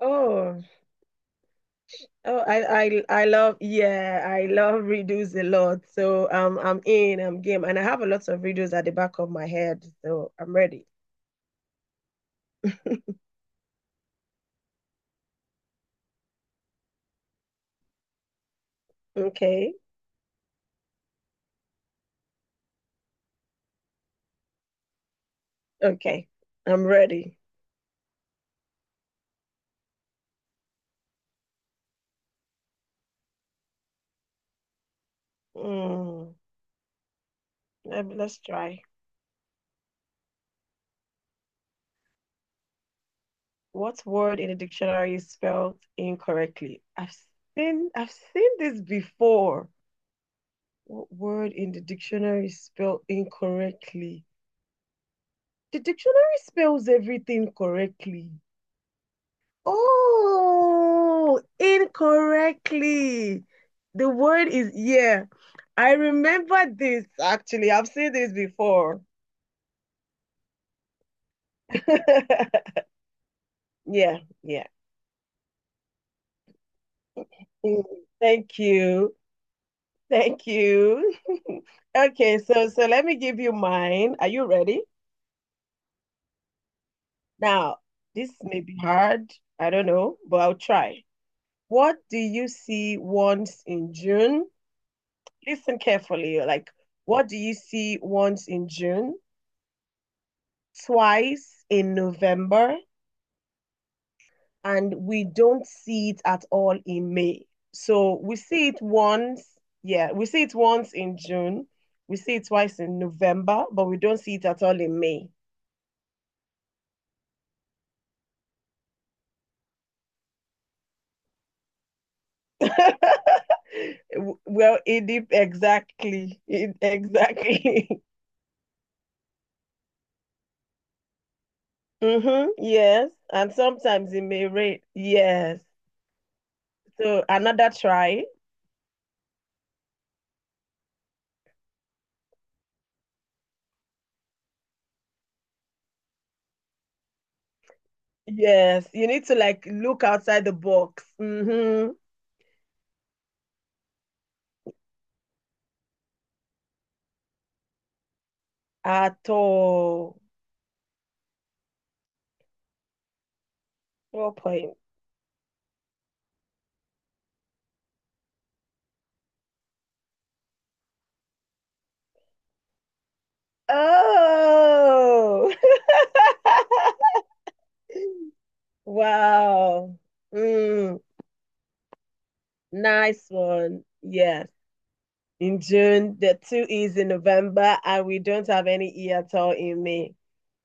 Oh, oh, I love, yeah, I love riddles a lot. I'm game, and I have a lot of riddles at the back of my head. So I'm ready. Okay, okay, I'm ready. Mm, let us try. What word in the dictionary is spelled incorrectly? I've seen this before. What word in the dictionary is spelled incorrectly? The dictionary spells everything correctly. Oh, incorrectly. The word is yeah. I remember this actually. I've seen this before. Yeah, yeah. Mm, Thank you. Thank you. Okay, so let me give you mine. Are you ready? Now, this may be hard. I don't know, but I'll try. What do you see once in June? Listen carefully. What do you see once in June? Twice in November, and we don't see it at all in May. So we see it once, yeah, we see it once in June, we see it twice in November, but we don't see it at all in May. Well, exactly. Mm-hmm, yes, and sometimes it may rain. Yes. So another try. Yes, you need to like look outside the box. Mm-hmm. At all. Role playing. Oh, wow. Mm, nice one. Yes. In June, the two is in November, and we don't have any E at all in May.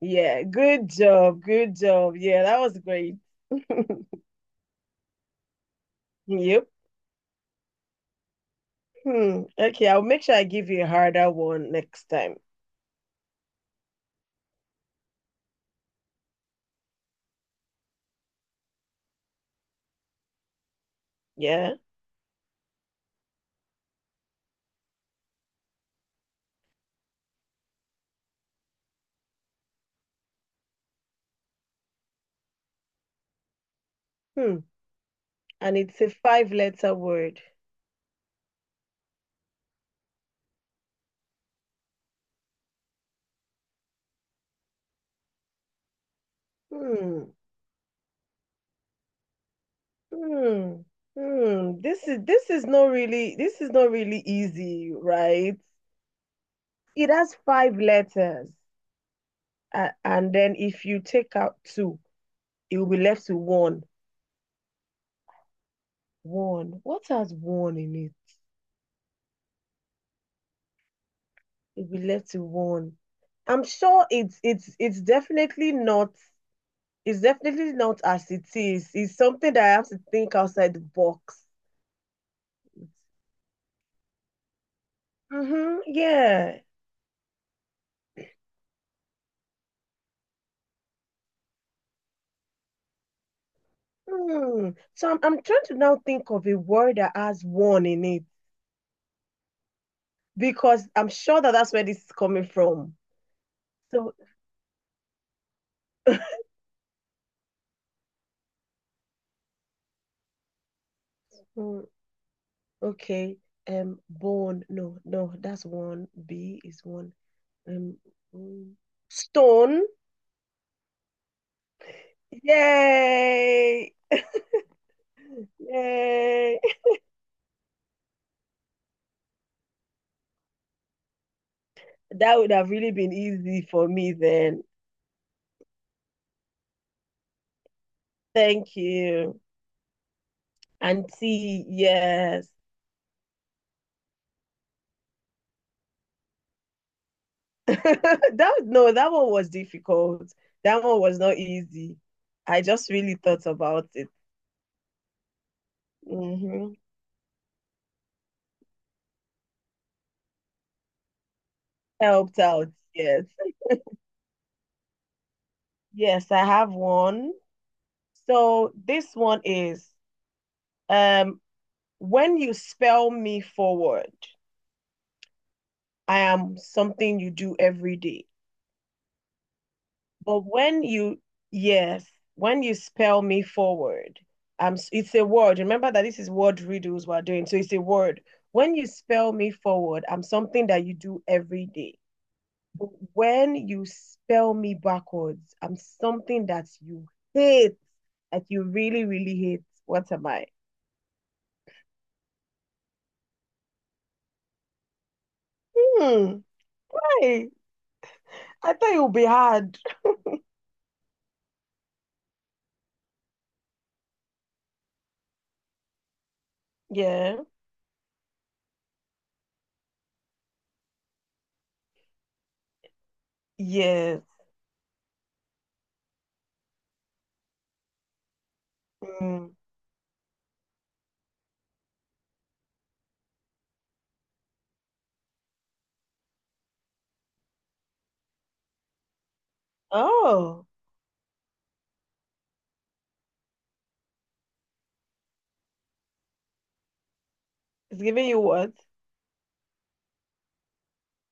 Yeah, good job. Good job. Yeah, that was great. Yep. Hmm. Okay, I'll make sure I give you a harder one next time. Yeah. Hmm. And it's a five letter word. Hmm. Hmm. Hmm. This is not really this is not really easy, right? It has five letters, and then if you take out two, it will be left to one. One. What has one in it? It will be left to one. I'm sure it's definitely not, it's definitely not as it is. It's something that I have to think outside the box. Mm-hmm. Yeah. Hmm. So I'm trying to now think of a word that has one in it, because I'm sure that that's where this is coming from. So, okay, bone. No, no, that's one. B is one. Um, mm, stone. Yay! Yay! That would have really been easy for me then. Thank you, Auntie. Yes. that no, that one was difficult. That one was not easy. I just really thought about it. Mm-hmm. Helped out. Yes. Yes, I have one. So this one is um when you spell me forward, I am something you do every day. But when you, yes, when you spell me forward, it's a word. Remember that this is word riddles we're doing. So it's a word. When you spell me forward, I'm something that you do every day. But when you spell me backwards, I'm something that you hate, that you really, really hate. What am I? Hmm. Hey, I thought it would be hard. Yeah. Yes. Mm. Oh, it's giving you what?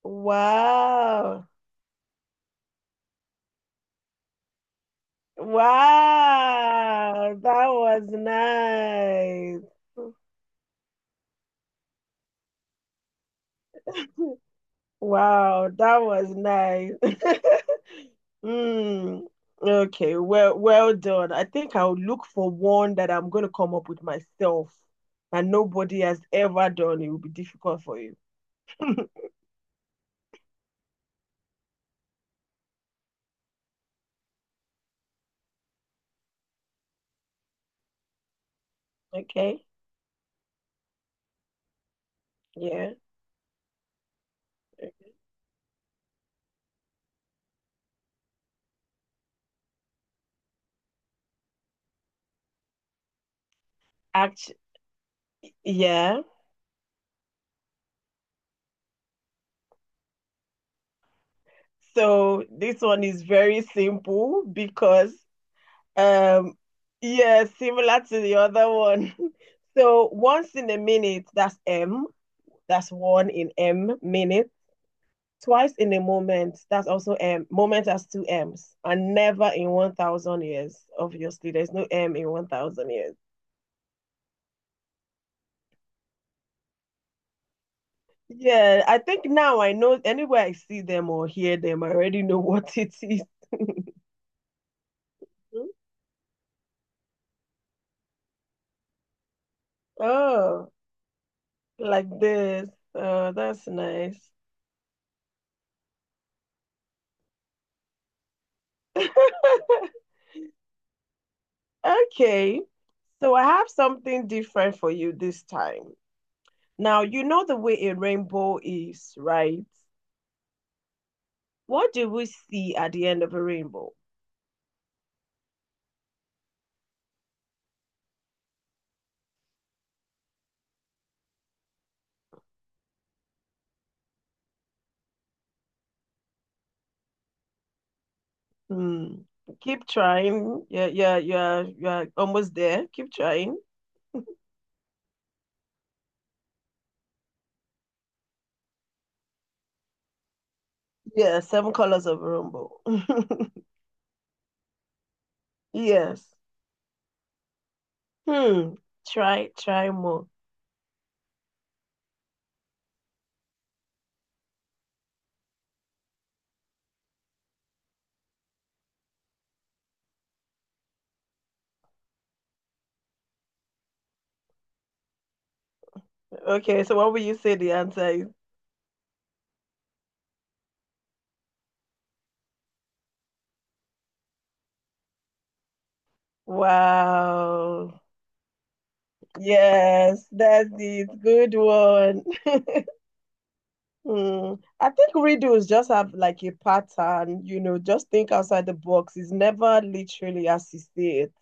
Wow. Wow. That was nice. Wow, that was nice. Mm. Okay, well, well done. I think I'll look for one that I'm going to come up with myself and nobody has ever done. It will be difficult for you. Okay, yeah. Action. Yeah. So this one is very simple because um yeah, similar to the other one. So once in a minute, that's M. That's one in M minutes. Twice in a moment, that's also M. Moment has two M's. And never in 1,000 years. Obviously, there's no M in 1,000 years. Yeah, I think now I know anywhere I see them or hear them, I already know what it is. Oh. Like this. Oh, that's nice. Okay. So I have something different for you this time. Now, you know the way a rainbow is, right? What do we see at the end of a rainbow? Hmm. Keep trying. Yeah, yeah, yeah, yeah. Almost there. Keep trying. Yeah, seven colors of a rainbow. Yes. Hmm. Try, try more. Okay, so what will you say the answer is? Wow. Yes, that's it. Good one. Hmm. I think riddles just have like a pattern, you know, just think outside the box. It's never literally as you see it.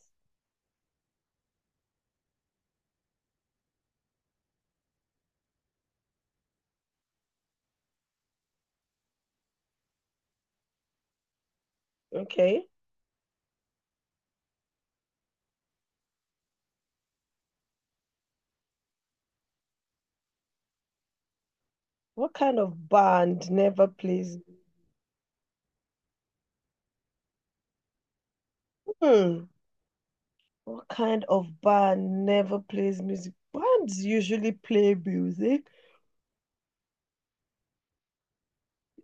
Okay. What kind of band never plays? Hmm. What kind of band never plays music? Bands usually play music.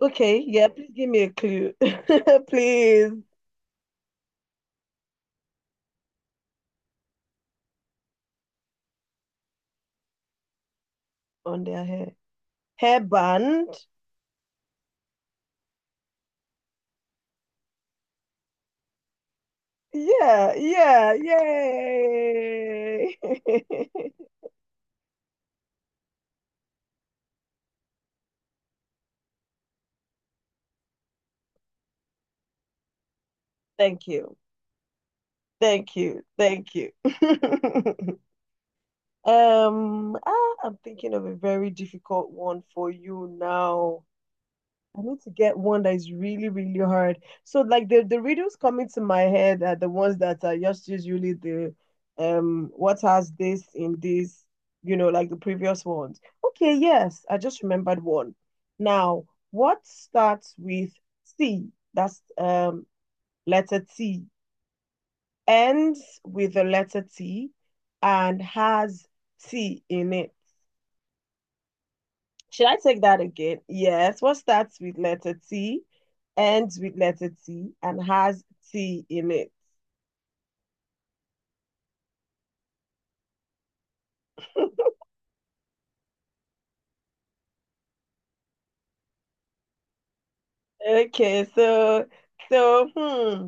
Okay. Yeah. Please give me a clue. Please. On their hair. Hair band. Yeah, yeah, yay. Thank you. Thank you. Thank you. I'm thinking of a very difficult one for you now. I need to get one that is really, really hard. So like the riddles coming to my head are the ones that are just usually the what has this in this, you know, like the previous ones. Okay, yes, I just remembered one. Now, what starts with C? That's letter T. Ends with the letter T and has T in it. Should I take that again? Yes. What starts with letter T, ends with letter T, and has T in it? Okay, so hmm,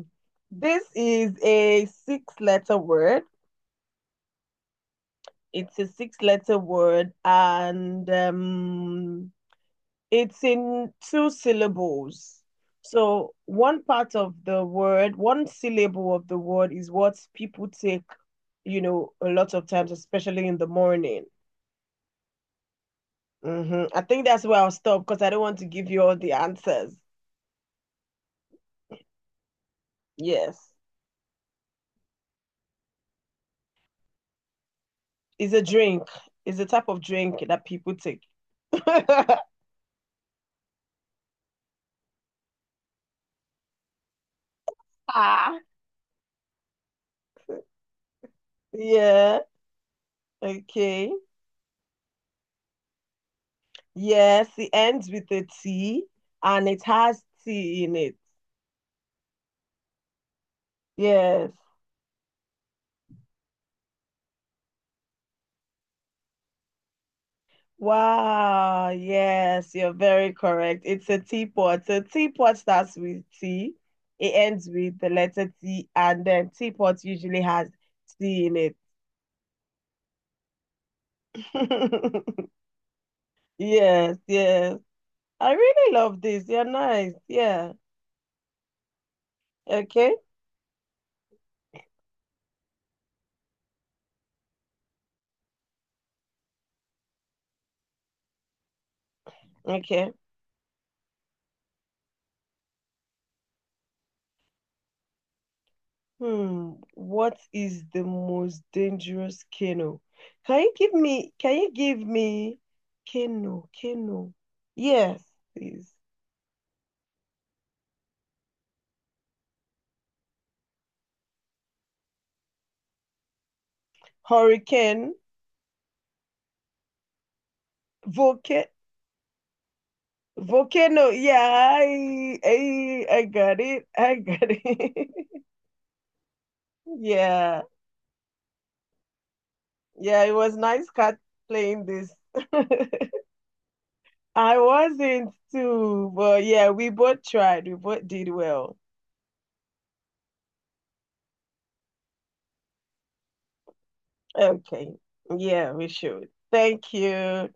this is a six-letter word. It's a six-letter word, and it's in two syllables. So one part of the word, one syllable of the word is what people take, you know, a lot of times, especially in the morning. I think that's where I'll stop because I don't want to give you all the answers. Yes. It's a drink. It's a type of drink that people take. Ah, yeah. Okay. Yes. It ends with a T and it has tea in it. Yes. Wow. Yes. You're very correct. It's a teapot. A teapot starts with T. It ends with the letter T, and then teapot usually has tea in it. Yes, yes. I really love this. You're nice. Yeah. Okay. Okay. Hmm. What is the most dangerous canoe? Can you give me canoe, canoe? Yes, please. Hurricane, volcano, volcano. Yeah, I got it. I got it. Yeah. Yeah, it was nice cat playing this. I wasn't too, but yeah, we both tried. We both did well. Okay. Yeah, we should. Thank you.